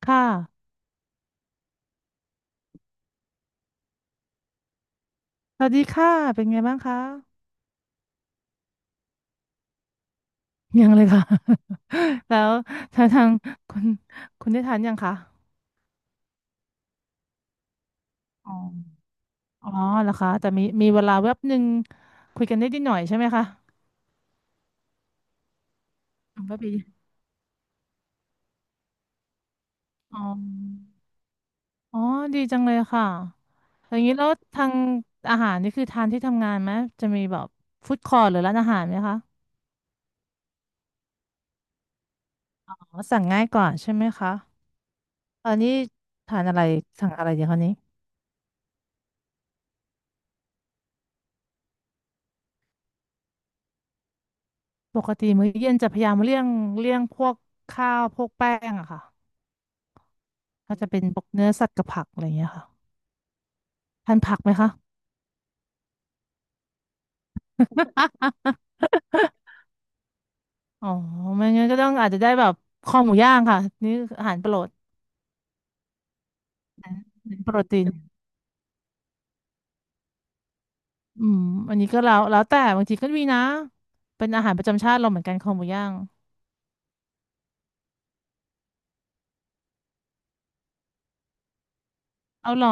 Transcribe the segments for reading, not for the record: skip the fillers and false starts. ค่ะสวัสดีค่ะ เป็นไงบ้างคะยังเลยค่ะ แล้วทางคุณคุณได้ทานยังคะ อ๋ออ๋อเหรอคะแต่มีเวลาแวบหนึ่งคุยกันได้นิดหน่อยใช่ไหมคะแวบเดียวอ๋อ อ๋อ ดีจังเลยค่ะ อย่างนี้แล้วทางอาหารนี่คือทานที่ทำงานไหม จะมีแบบฟู้ดคอร์ทหรือร้านอาหารไหมคะ อ๋อ สั่งง่ายกว่าใช่ไหมคะอันนี้ทานอะไรสั่งอะไรดีคะนี้ ปกติมื้อเย็นจะพยายามเลี่ยงพวกข้าวพวกแป้งอะค่ะก็จะเป็นพวกเนื้อสัตว์กับผักอะไรอย่างเงี้ยค่ะทานผักไหมคะ อ๋อไม่งั้นก็ต้องอาจจะได้แบบคอหมูย่างค่ะนี่คืออาหารโปรดโปรตีนอืมอันนี้ก็แล้วแต่บางทีก็มีนะเป็นอาหารประจำชาติเราเหมือนกันคอหมูย่างเอาเหรอ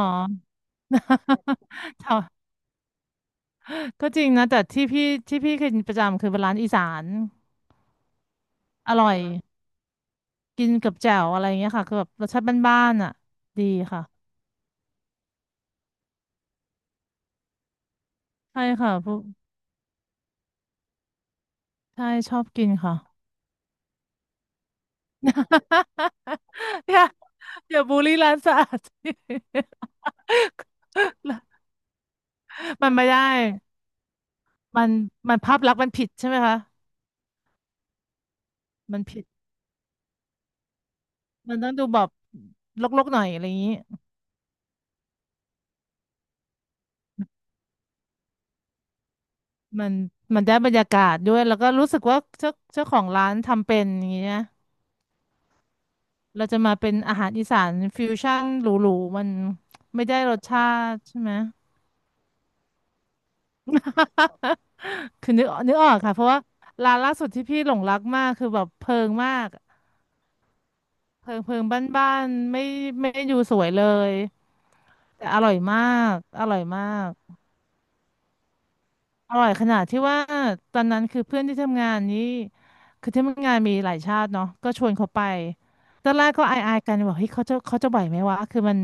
ก็จริงนะแต่ที่พี่เคยกินประจำคือเป็นร้านอีสานอร่อย กินกับแจ่วอะไรเงี้ยค่ะคือแบบรสชาติบ้านๆอ่ะดีค่ะใช่ค่ะพวกใช่ชอบกินค่ะ อย่าอย่าบูลลี่ร้านสะอาด มันไม่ได้มันมันภาพลักษณ์มันผิดใช่ไหมคะมันผิดมันต้องดูแบบรกๆหน่อยอะไรอย่างนี้มันมันได้บรรยากาศด้วยแล้วก็รู้สึกว่าเจ้าของร้านทำเป็นอย่างเงี้ยเราจะมาเป็นอาหารอีสานฟิวชั่นหรูๆมันไม่ได้รสชาติใช่ไหม คือนึกออกค่ะเพราะว่าร้านล่าสุดที่พี่หลงรักมากคือแบบเพิงมากเพิงบ้านๆไม่ไดดูสวยเลยแต่อร่อยมากอร่อยมากอร่อยขนาดที่ว่าตอนนั้นคือเพื่อนที่ทำงานนี้คือที่ทำงานมีหลายชาติเนาะก็ชวนเขาไปตอนแรกก็อายๆกันบอกเฮ้ยเขาจะไหวไหมวะคือมัน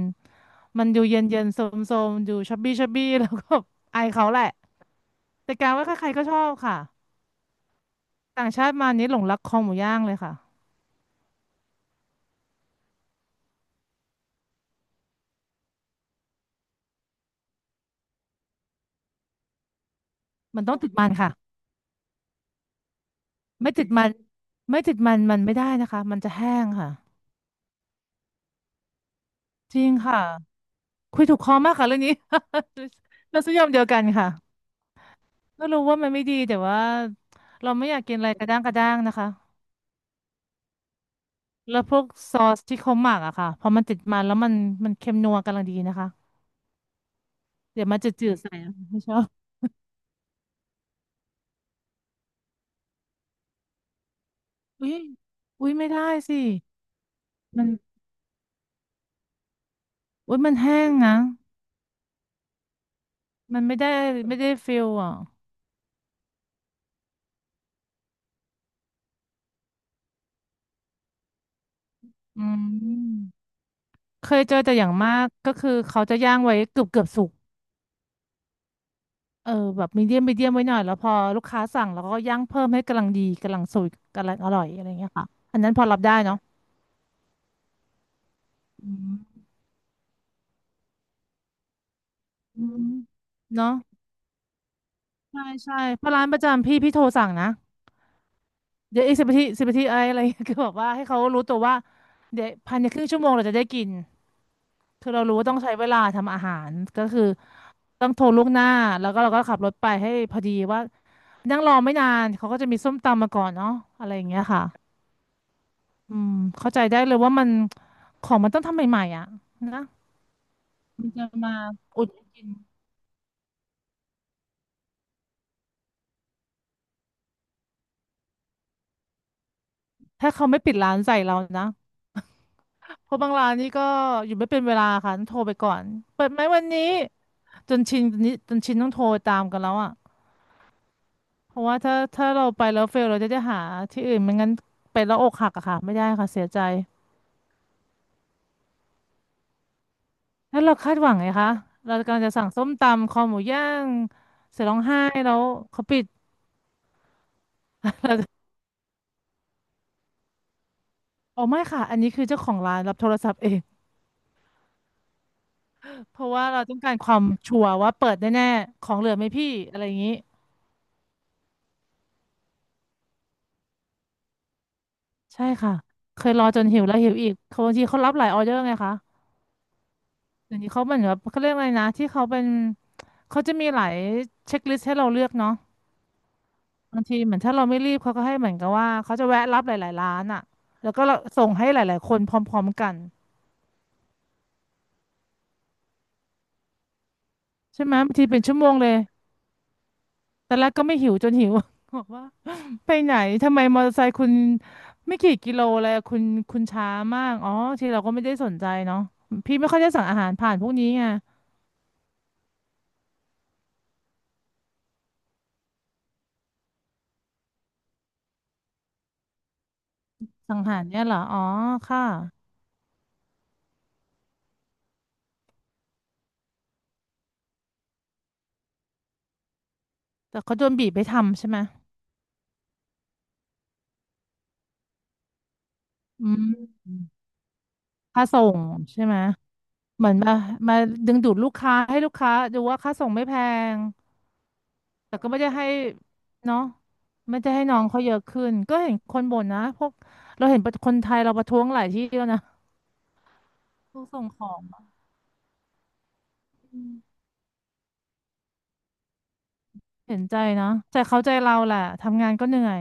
มันดูเย็นเย็นโซมโซมๆดูชับบี้ชับบี้แล้วก็อายเขาแหละแต่กลารว่าใครๆก็ชอบค่ะ ต่างชาติมานี้หลงรักคอหมูย่างเลยค่ะมันต้องติดมันค่ะ ไม่ติดมันไม่ติดมันมันไม่ได้นะคะ มันจะแห้งค่ะ จริงค่ะ คุยถูกคอมากค่ะเรื่องนี้ เราสยามเดียวกันค่ะก็รู้ว่ามันไม่ดีแต่ว่าเราไม่อยากกินอะไรกระด้างกระด้างนะคะแล้วพวกซอสที่เขาหมักอะค่ะพอมันติดมันแล้วมันเค็มนัวกำลังดีนะคะเดี๋ยวมันจะจืดๆใส่อะไม่ชอบอุ้ยอุ้ยไม่ได้สิมันอุ้ยมันแห้งนะมันไม่ได้ไม่ได้ฟิลอ่ะอืม เคยเจอแต่อย่างมากก็คือเขาจะย่างไว้เกือบเกือบสุกเออแบบมีเดียมมีเดียมไว้หน่อยแล้วพอลูกค้าสั่งแล้วก็ย่างเพิ่มให้กำลังดีกำลังสวกกำลังอร่อยอะไรเงี้ยค่ะอันนั้นพอรับได้เนาะอืมอืมเนาะใช่ใช่เพราะร้านประจำพี่พี่โทรสั่งนะเดี๋ยวอีก10 นาที 10 นาทีอะไรอะไร คือแบบว่าให้เขารู้ตัวว่าเดี๋ยวภายในครึ่งชั่วโมงเราจะได้กินคือเรารู้ว่าต้องใช้เวลาทำอาหารก็คือต้องโทรล่วงหน้าแล้วก็เราก็ขับรถไปให้พอดีว่า นั่งรอไม่นานเขาก็จะมีส้มตำมาก่อนเนาะอะไรอย่างเงี้ยค่ะอืมเข้าใจได้เลยว่ามันของมันต้องทำใหม่ๆอ่ะนะมันจะมาอุดกินถ้าเขาไม่ปิดร้านใส่เรานะเพราะบางร้านนี่ก็อยู่ไม่เป็นเวลาค่ะต้องโทรไปก่อนเปิดไหมวันนี้จนชินจนนี้จนชินต้องโทรตามกันแล้วอ่ะเพราะว่าถ้าเราไปแล้วเฟลเราจะได้หาที่อื่นไม่งั้นไปแล้วอกหักอะค่ะไม่ได้ค่ะเสียใจแล้วเราคาดหวังไงคะเรากำลังจะสั่งส้มตำคอหมูย่างเสร็จร้องไห้แล้วเขาปิด อ๋อไม่ค่ะอันนี้คือเจ้าของร้านรับโทรศัพท์เองเพราะว่าเราต้องการความชัวร์ว่าเปิดแน่ๆของเหลือไหมพี่อะไรอย่างนี้ใช่ค่ะเคยรอจนหิวแล้วหิวอีกเขาบางทีเขารับหลายออเดอร์ไงคะเดี๋ยวนี้เขาเหมือนแบบเขาเรียกอะไรนะที่เขาเป็นเขาจะมีหลายเช็คลิสต์ให้เราเลือกเนาะบางทีเหมือนถ้าเราไม่รีบเขาก็ให้เหมือนกับว่าเขาจะแวะรับหลายๆร้านอ่ะแล้วก็เราส่งให้หลายๆคนพร้อมๆกันใช่ไหมบางทีเป็นชั่วโมงเลยแต่แรกก็ไม่หิวจนหิว บอกว่า ไปไหนทำไมมอเตอร์ไซค์คุณไม่กี่กิโลเลยอะคุณคุณช้ามากอ๋อที่เราก็ไม่ได้สนใจเนาะพี่ไม่ค่อยได้สั่งอาหารผ่านพวกนี้ไงสั่งอาหารเนี่ยเหรออ๋อค่ะแต่เขาโดนบีบไปทำใช่ไหมอืมค่าส่งใช่ไหมเหมือนมาดึงดูดลูกค้าให้ลูกค้าดูว่าค่าส่งไม่แพงแต่ก็ไม่ได้ให้เนาะไม่ได้ให้น้องเขาเยอะขึ้นก็เห็นคนบ่นนะพวกเราเห็นคนไทยเราประท้วงหลายที่แล้วนะพวกส่งของอะ เห็นใจนะแต่เข้าใจเราแหละทำงานก็เหนื่อย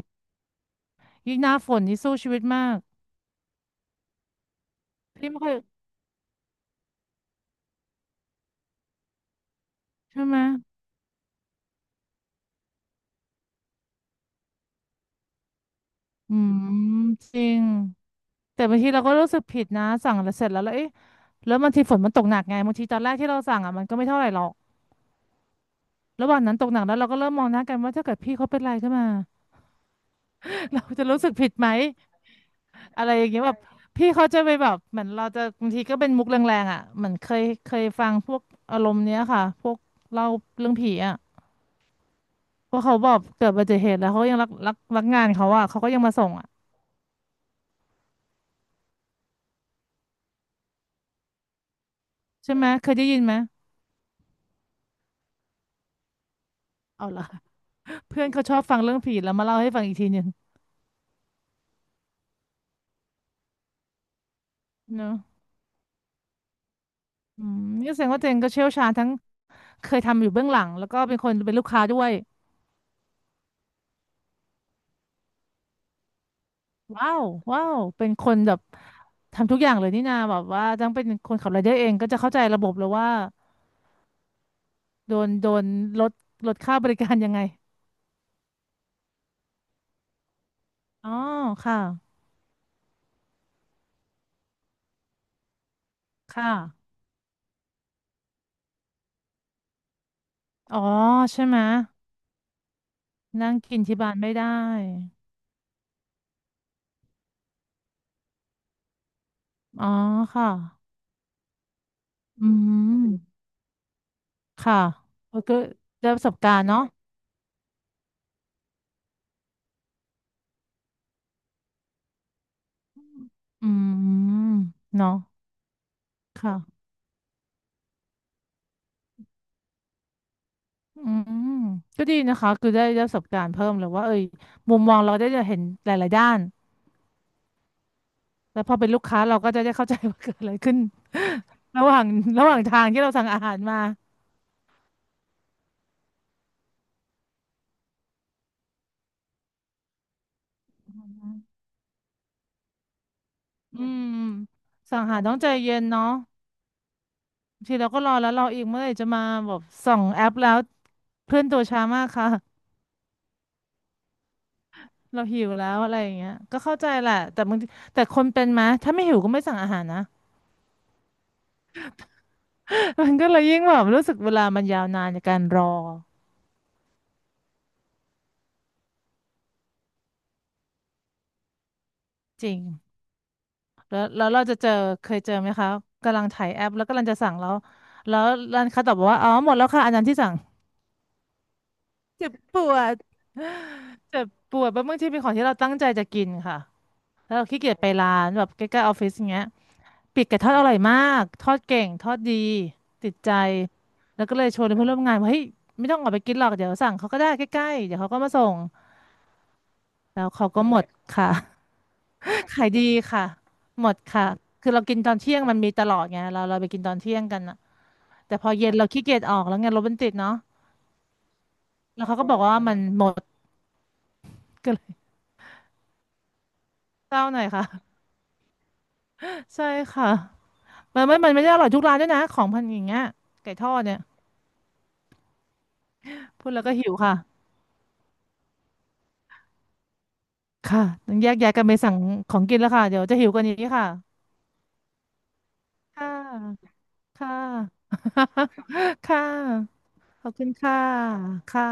ยิ่งหน้าฝนนี่สู้ชีวิตมากพี่ไม่เคยใช่ไหมอืมจริงแต่บางทีเราก็รู้สึกผิดนะสั่งแล้วเสร็จแล้วแล้วเอ๊ะแล้วบางทีฝนมันตกหนักไงบางทีตอนแรกที่เราสั่งอ่ะมันก็ไม่เท่าไหร่หรอกระหว่างนั้นตกหนักแล้วเราก็เริ่มมองหน้ากันว่าถ้าเกิดพี่เขาเป็นไรขึ้นมา เราจะรู้สึกผิดไหมอะไรอย่างเงี้ยแบบพี่เขาจะไปแบบเหมือนเราจะบางทีก็เป็นมุกแรงๆอ่ะเหมือนเคยฟังพวกอารมณ์เนี้ยค่ะพวกเล่าเรื่องผีอ่ะ เพราะเขาบอกเกิดอุบัติเหตุแล้วเขาก็ยังรักงานเขาอ่ะเขาก็ยังมาส่งอ่ะใช่ไหมเคยได้ยินไหมเอาล่ะ เพื่อนเขาชอบฟังเรื่องผีแล้วมาเล่าให้ฟังอีกทีหนึ่งเนอะอืมนี่แสดงว่าเจนก็เชี่ยวชาญทั้งเคยทำอยู่เบื้องหลังแล้วก็เป็นคนเป็นลูกค้าด้วยว้าวว้าวเป็นคนแบบทำทุกอย่างเลยนี่นาแบบว่าต้องเป็นคนขับรายเดอร์เองก็จะเข้าใจระบบเลยว่าโดนลดลดค่าบริการยังไงอ๋อค่ะค่ะอ๋อใช่ไหมนั่งกินที่บ้านไม่ได้ อ๋อค่ะอืมค่ะเออก็ได้ประสบการณ์เนาะอืมเนาะค่ะอืมก็ดีนะคะคือได้ประสบการณ์เพิ่มเลยว่าเอ้ยมุมมองเราได้จะเห็นหลายๆด้านแล้วพอเป็นลูกค้าเราก็จะได้เข้าใจว่าเกิดอะไรขึ้น ระหว่างระหว่างทางที่เราสั่งอาหารมาอืมสั่งอาหารต้องใจเย็นเนาะบางทีเราก็รอแล้วรออีกเมื่อไหร่จะมาแบบส่องแอปแล้วเพื่อนตัวช้ามากค่ะ เราหิวแล้วอะไรอย่างเงี้ยก็เข้าใจแหละแต่บางทีแต่คนเป็นไหมถ้าไม่หิวก็ไม่สั่งอาหารนะ มันก็เลยยิ่งแบบรู้สึกเวลามันยาวนานในการรอจริงแล้วแล้วเราจะเจอเคยเจอไหมคะกำลังถ่ายแอปแล้วกำลังจะสั่งแล้วแล้วร้านค้าตอบบอกว่าอ๋อหมดแล้วค่ะอันนั้นที่สั่งเจ็บปวดเจ็บปวดเพราะบางทีเป็นของที่เราตั้งใจจะกินค่ะแล้วเราขี้เกียจไปร้านแบบใกล้ๆออฟฟิศอย่างเงี้ย ปีกไก่ทอดอร่อยมากทอดเก่งทอดดีติดใจแล้วก็เลยชวนเพื่อนร่วมงานว่าเฮ้ยไม่ต้องออกไปกินหรอกเดี๋ยวสั่งเขาก็ได้ใกล้ๆเดี๋ยวเขาก็มาส่งแล้วเขาก็หมดค่ะ ขายดีค่ะหมดค่ะคือเรากินตอนเที่ยงมันมีตลอดไงเราไปกินตอนเที่ยงกันอะแต่พอเย็นเราขี้เกียจออกแล้วไงรถมันติดเนาะแล้วเขาก็บอกว่ามันหมดก็เลยเศร้าหน่อยค่ะ ใช่ค่ะมันไม่ได้อร่อยทุกร้านด้วยนะของพันอย่างเงี้ยไก่ทอดเนี่ยพูดแล้วก็หิวค่ะ ค่ะต้องแยกย้ายกันไปสั่งของกินแล้วค่ะ เดี๋ยวจะหิวกว่านี้ค่ะ ค่ะ ค่ะ ค่ะขอบคุณค่ะ ค่ะ